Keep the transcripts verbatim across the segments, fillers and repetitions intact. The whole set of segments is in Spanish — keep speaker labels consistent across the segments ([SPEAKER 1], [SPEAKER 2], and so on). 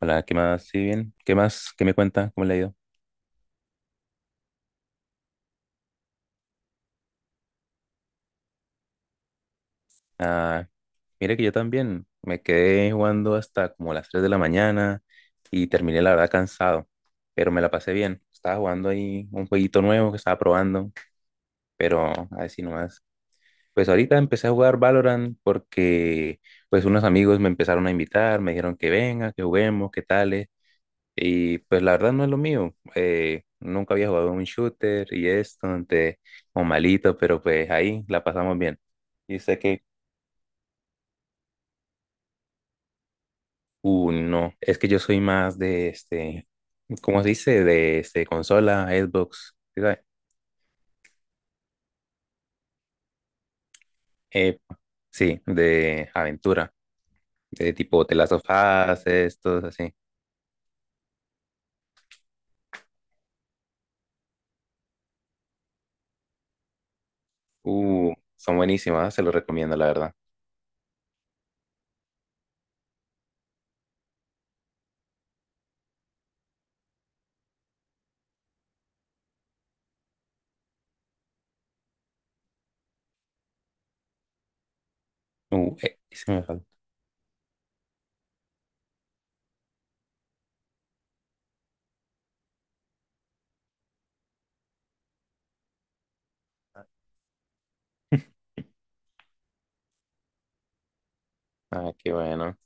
[SPEAKER 1] Hola, ¿qué más? ¿Sí, bien? ¿Qué más? ¿Qué me cuenta? ¿Cómo le ha ido? Ah, mire que yo también me quedé jugando hasta como las tres de la mañana y terminé la verdad cansado, pero me la pasé bien. Estaba jugando ahí un jueguito nuevo que estaba probando, pero así nomás. Pues ahorita empecé a jugar Valorant porque pues unos amigos me empezaron a invitar, me dijeron que venga, que juguemos, qué tal. Y pues la verdad no es lo mío. Eh, nunca había jugado un shooter y esto, entonces, o malito, pero pues ahí la pasamos bien. Y sé que, uh, no, es que yo soy más de este, ¿cómo se dice? De este, consola, Xbox, ¿sí sabe? Eh, sí, de aventura, de tipo The Last of Us, estos así. Uh, son buenísimas, se los recomiendo, la verdad. Uh, eh, sí se me falta. Ah, qué bueno.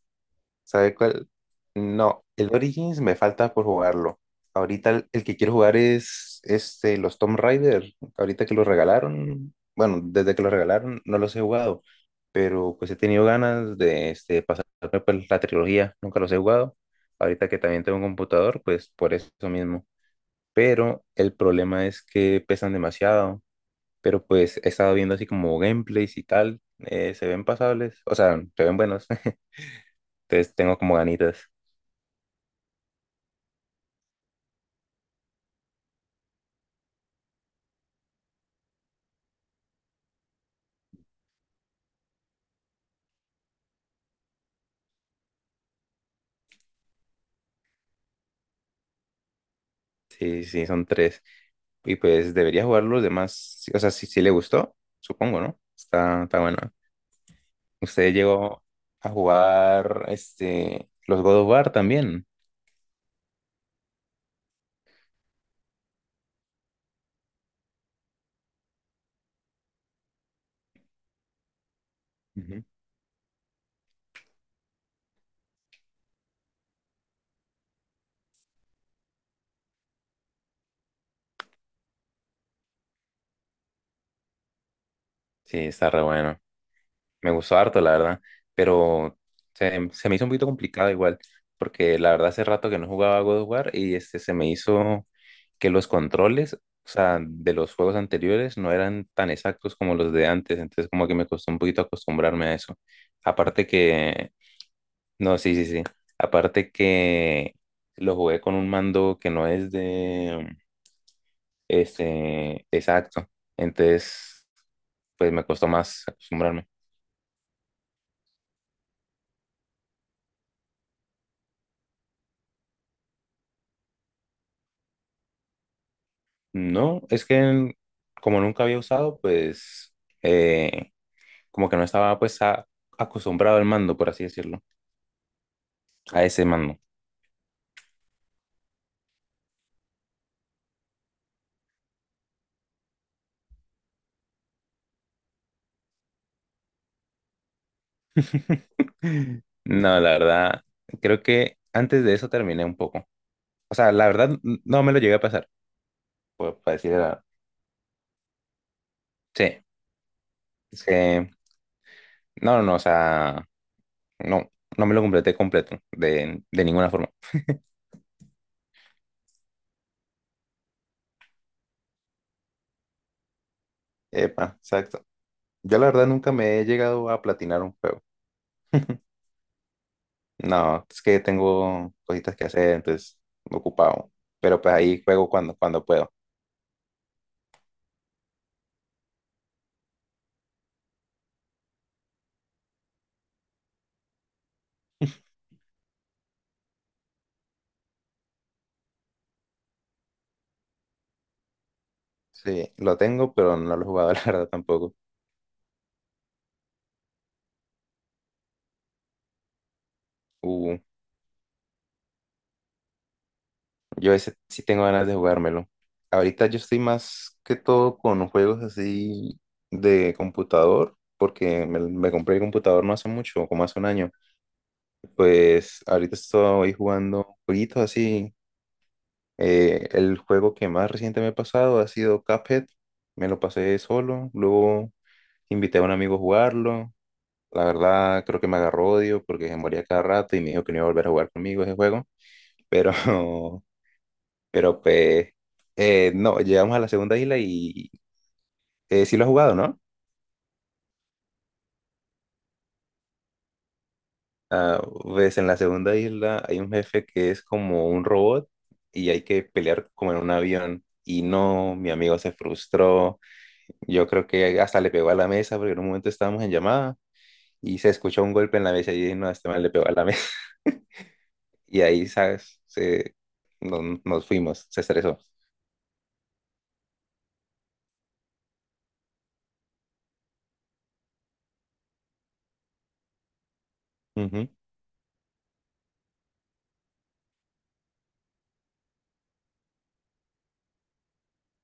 [SPEAKER 1] ¿Sabe cuál? No, el Origins me falta por jugarlo. Ahorita el, el que quiero jugar es este, los Tomb Raider. Ahorita que los regalaron, bueno, desde que los regalaron no los he jugado, pero pues he tenido ganas de este, pasarme pues, la trilogía. Nunca los he jugado. Ahorita que también tengo un computador, pues por eso mismo. Pero el problema es que pesan demasiado. Pero pues he estado viendo así como gameplays y tal. Eh, se ven pasables, o sea, se ven buenos. Entonces tengo como ganitas. Sí, sí, son tres. Y pues debería jugar los demás. Sí. O sea, si, si le gustó, supongo, ¿no? Está, está bueno. Usted llegó a jugar este, los God of War también. Ujú. Sí, está re bueno. Me gustó harto, la verdad, pero se, se me hizo un poquito complicado igual, porque la verdad hace rato que no jugaba God of War y este se me hizo que los controles, o sea, de los juegos anteriores no eran tan exactos como los de antes, entonces como que me costó un poquito acostumbrarme a eso. Aparte que, no, sí, sí, sí, aparte que lo jugué con un mando que no es de, este, exacto, entonces pues me costó más acostumbrarme. No, es que en- como nunca había usado, pues eh, como que no estaba pues a- acostumbrado al mando, por así decirlo, a ese mando. No, la verdad, creo que antes de eso terminé un poco. O sea, la verdad, n- no me lo llegué a pasar, por- para decir la verdad. Sí, es que, no, no, no, o sea, no, no me lo completé completo, de, de ninguna forma. Epa, exacto. Yo la verdad nunca me he llegado a platinar un juego. No, es que tengo cositas que hacer, entonces ocupado. Pero pues ahí juego cuando, cuando puedo. Sí, lo tengo, pero no lo he jugado, la verdad, tampoco. Uh, yo ese sí tengo ganas de jugármelo. Ahorita yo estoy más que todo con juegos así de computador, porque me, me compré el computador no hace mucho, como hace un año. Pues ahorita estoy jugando jueguitos así. Eh, el juego que más reciente me he pasado ha sido Cuphead. Me lo pasé solo, luego invité a un amigo a jugarlo. La verdad, creo que me agarró odio porque se moría cada rato y me dijo que no iba a volver a jugar conmigo ese juego. Pero, pero pues, eh, no, llegamos a la segunda isla y eh, sí lo ha jugado, ¿no? Ah, pues en la segunda isla hay un jefe que es como un robot y hay que pelear como en un avión. Y no, mi amigo se frustró. Yo creo que hasta le pegó a la mesa porque en un momento estábamos en llamada y se escuchó un golpe en la mesa y dije, no, este man le pegó a la mesa. Y ahí, ¿sabes? Se, no- no, nos fuimos, se estresó. Ujú.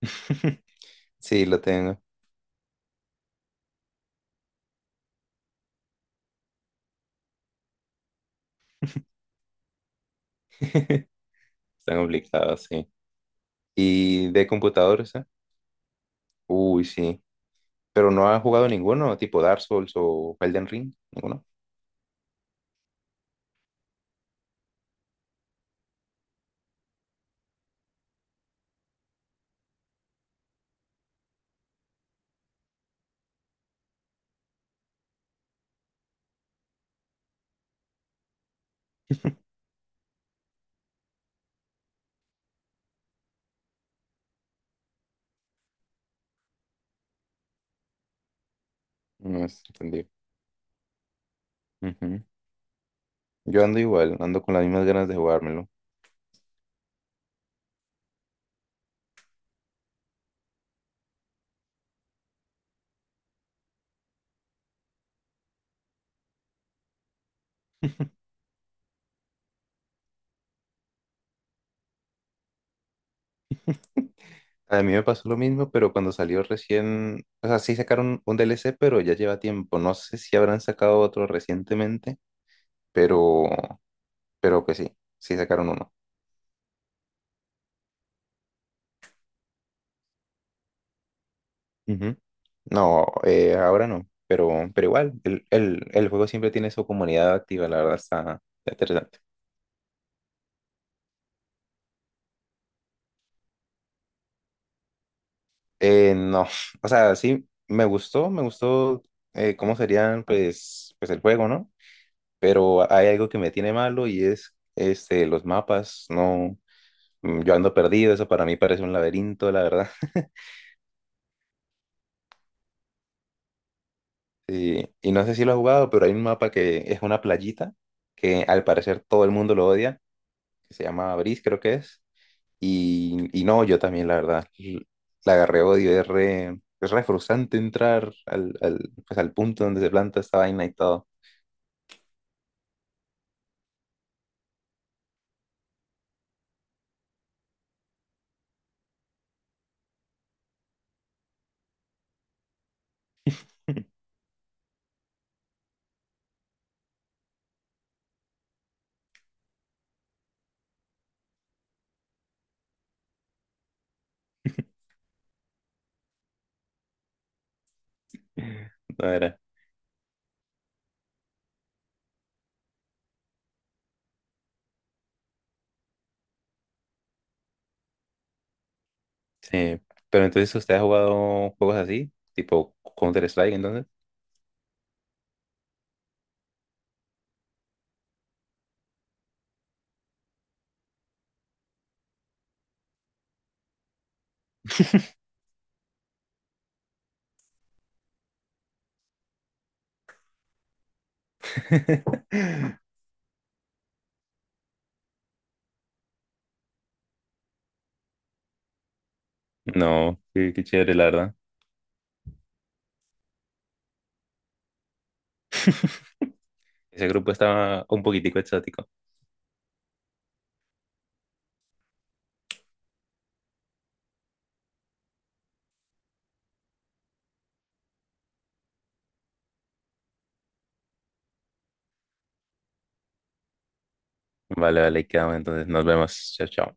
[SPEAKER 1] Sí, lo tengo. Está complicado, sí. ¿Y de computadores, eh? Uy, sí. Pero no ha jugado ninguno, tipo Dark Souls o Elden Ring, ninguno. No es entendido. Ujú. Yo ando igual, ando con las mismas ganas de jugármelo. A mí me pasó lo mismo, pero cuando salió recién, o sea, sí sacaron un D L C pero ya lleva tiempo. No sé si habrán sacado otro recientemente, pero, pero que sí, sí sacaron uno. Ujú. No, eh, ahora no, pero, pero igual, el, el, el juego siempre tiene su comunidad activa, la verdad está interesante. Eh, no, o sea, sí, me gustó, me gustó eh, cómo serían pues, pues el juego, ¿no? Pero hay algo que me tiene malo y es este, los mapas, no. Mm, yo ando perdido, eso para mí parece un laberinto, la verdad. Sí, y no sé si lo has jugado, pero hay un mapa que es una playita que al parecer todo el mundo lo odia, que se llama Breeze, creo que es. Y, y no, yo también, la verdad, l- la agarré odio, es re, es re frustrante entrar al, al, pues, al punto donde se planta esta vaina y todo. No era. Sí. Pero entonces, ¿usted ha jugado juegos así? Tipo Counter-Strike, entonces. No, qué, qué chévere, la verdad. Ese grupo estaba un poquitico exótico. Vale, vale, ahí quedamos entonces. Nos vemos. Chao, chao.